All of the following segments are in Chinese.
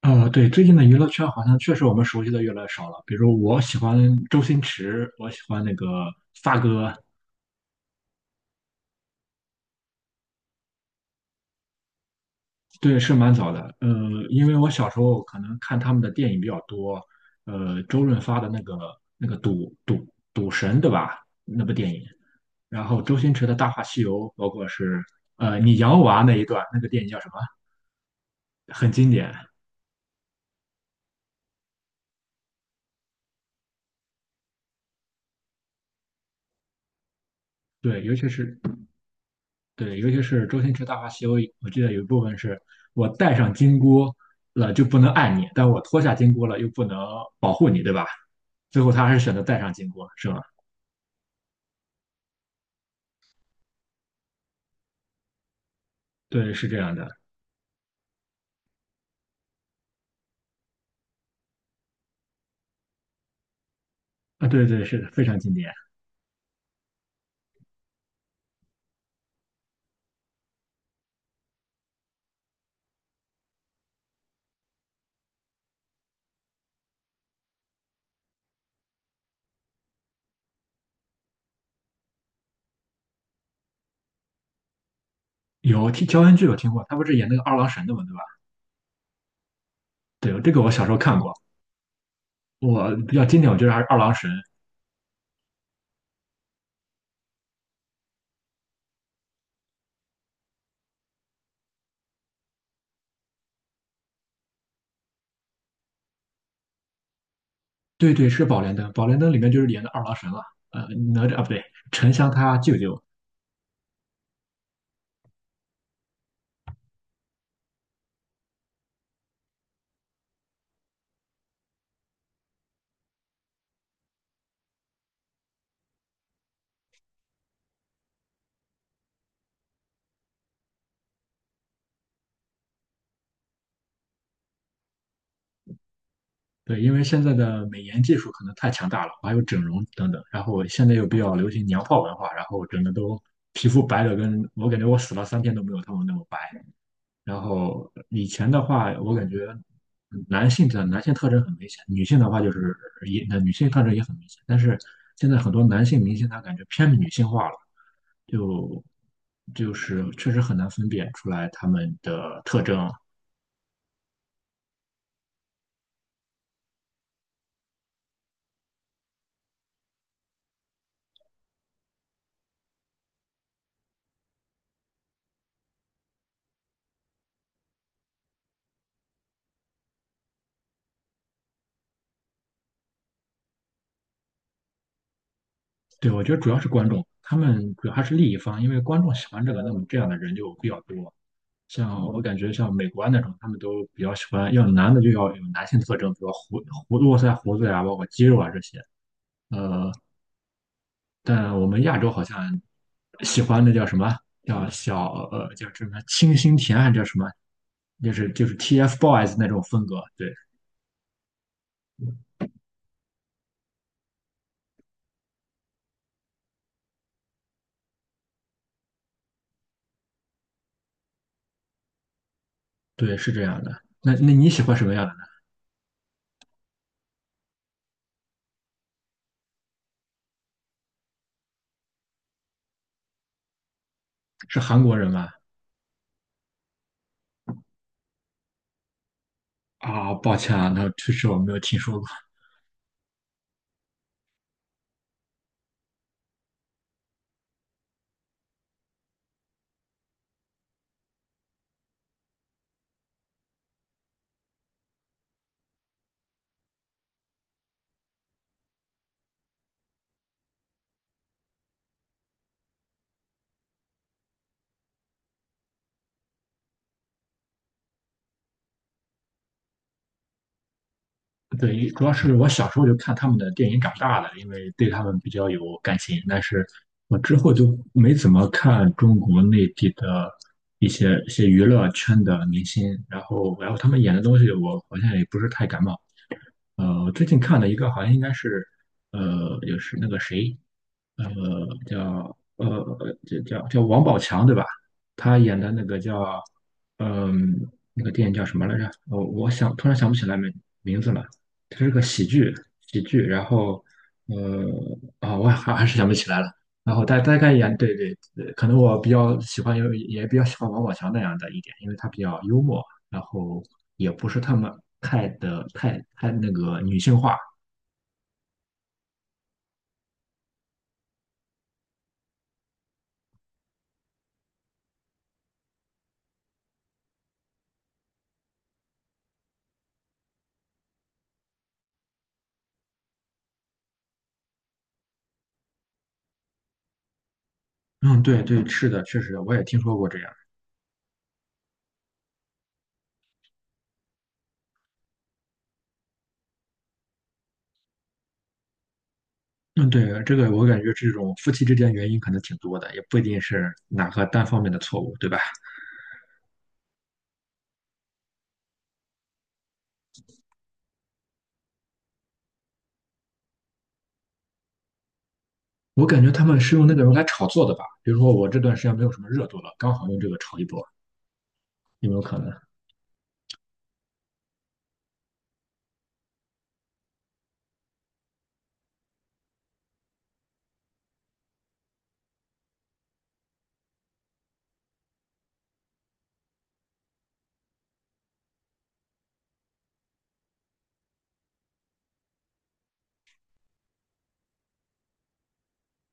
对，最近的娱乐圈好像确实我们熟悉的越来越少了。比如我喜欢周星驰，我喜欢那个发哥，对，是蛮早的。因为我小时候可能看他们的电影比较多，周润发的那个赌神，对吧？那部电影，然后周星驰的《大话西游》，包括是你养我啊那一段，那个电影叫什么？很经典。对，尤其是对,尤其是周星驰《大话西游》，我记得有一部分是我戴上金箍了就不能爱你，但我脱下金箍了又不能保护你，对吧？最后他还是选择戴上金箍，是吗？对，是这样的。啊，对对，是的，非常经典。有听乔恩剧有听过，他不是演那个二郎神的嘛，对吧？对，这个我小时候看过。我比较经典，我觉得还是二郎神。对对，是宝莲灯，宝莲灯里面就是演的二郎神了。呃，哪吒啊，不对，沉香他舅舅。对，因为现在的美颜技术可能太强大了，还有整容等等，然后现在又比较流行娘炮文化，然后整个都皮肤白的跟我感觉我死了3天都没有他们那么白。然后以前的话，我感觉男性特征很明显，女性的话就是也那女性特征也很明显，但是现在很多男性明星他感觉偏女性化了，就就是确实很难分辨出来他们的特征，对，我觉得主要是观众，他们主要还是利益方，因为观众喜欢这个，那么这样的人就比较多。像我感觉像美国啊那种，他们都比较喜欢，要男的就要有男性特征，比如络腮胡子呀，包括肌肉啊这些。呃，但我们亚洲好像喜欢那叫什么？叫什么清新甜还是叫什么？就是 TFBOYS 那种风格。对对，是这样的。那你喜欢什么样的呢？是韩国人吗？啊，抱歉啊，那确实我没有听说过。对，主要是我小时候就看他们的电影长大的，因为对他们比较有感情。但是我之后就没怎么看中国内地的一些娱乐圈的明星，然后他们演的东西，我好像也不是太感冒。我最近看了一个，好像应该是，也是那个谁，呃，叫呃，叫王宝强对吧？他演的那个叫，嗯、那个电影叫什么来着？我想突然想不起来名字了。它是个喜剧，喜剧。然后，呃，啊、我还是想不起来了。然后大概演，对对，可能我比较喜欢，也比较喜欢王宝强那样的一点，因为他比较幽默。然后也不是他们太的太太那个女性化。嗯，对对，是的，确实我也听说过这样。嗯，对，这个我感觉这种夫妻之间原因可能挺多的，也不一定是哪个单方面的错误，对吧？我感觉他们是用那个人来炒作的吧，比如说我这段时间没有什么热度了，刚好用这个炒一波，有没有可能？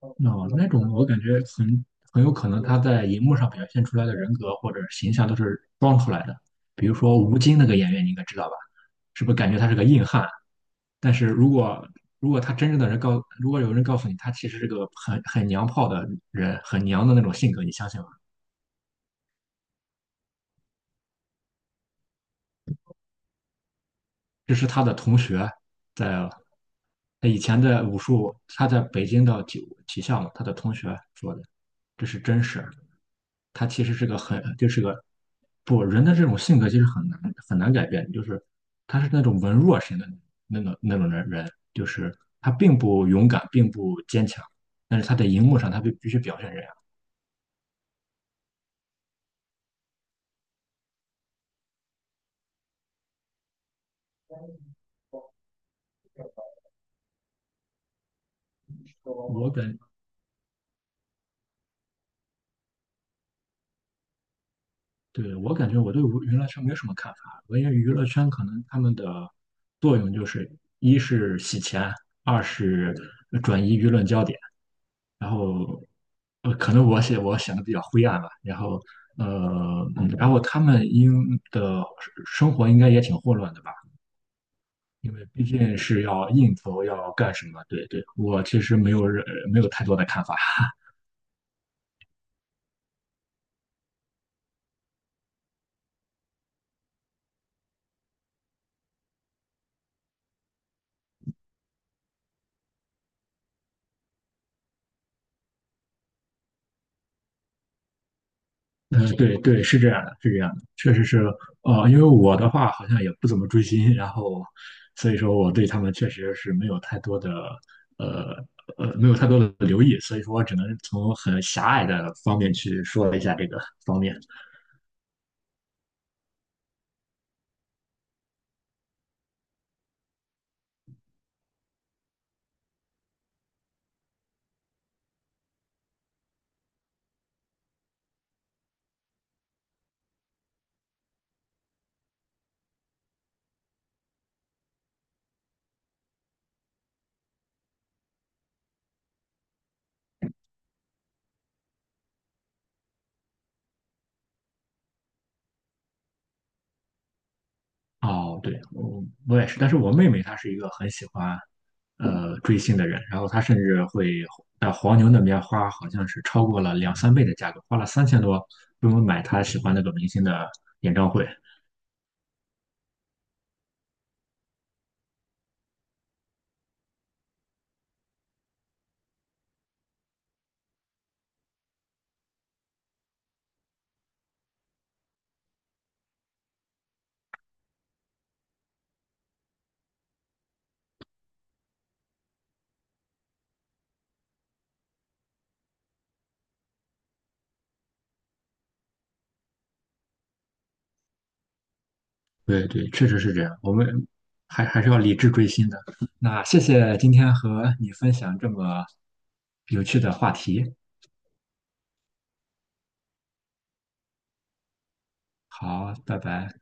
哦，那种我感觉很有可能他在荧幕上表现出来的人格或者形象都是装出来的，比如说吴京那个演员，你应该知道吧？是不是感觉他是个硬汉？但是如果他真正的人告，如果有人告诉你他其实是个很娘炮的人，很娘的那种性格，你相信吗？这是他的同学在他以前在武术，他在北京的体校嘛，他的同学说的，这是真实。他其实是个就是个不人的这种性格其实很难很难改变，就是他是那种文弱型的那种人，就是他并不勇敢，并不坚强，但是他在荧幕上他必须表现这样。我感，对，我感觉我对娱乐圈没有什么看法，我因为娱乐圈可能他们的作用就是，一是洗钱，二是转移舆论焦点，然后，可能我写我想的比较灰暗吧，然后，呃，然后他们的生活应该也挺混乱的吧，因为毕竟是要应酬，要干什么，对对，我其实没有太多的看法。嗯，对对，是这样的，是这样的，确实是，因为我的话好像也不怎么追星，然后，所以说我对他们确实是呃没有太多的留意，所以说我只能从很狭隘的方面去说一下这个方面。哦，对，我也是，但是我妹妹她是一个很喜欢，追星的人，然后她甚至会在黄牛那边花，好像是超过了两三倍的价格，花了3000多，专门买她喜欢那个明星的演唱会。对对，确实是这样。我们还是要理智追星的。那谢谢今天和你分享这么有趣的话题。好，拜拜。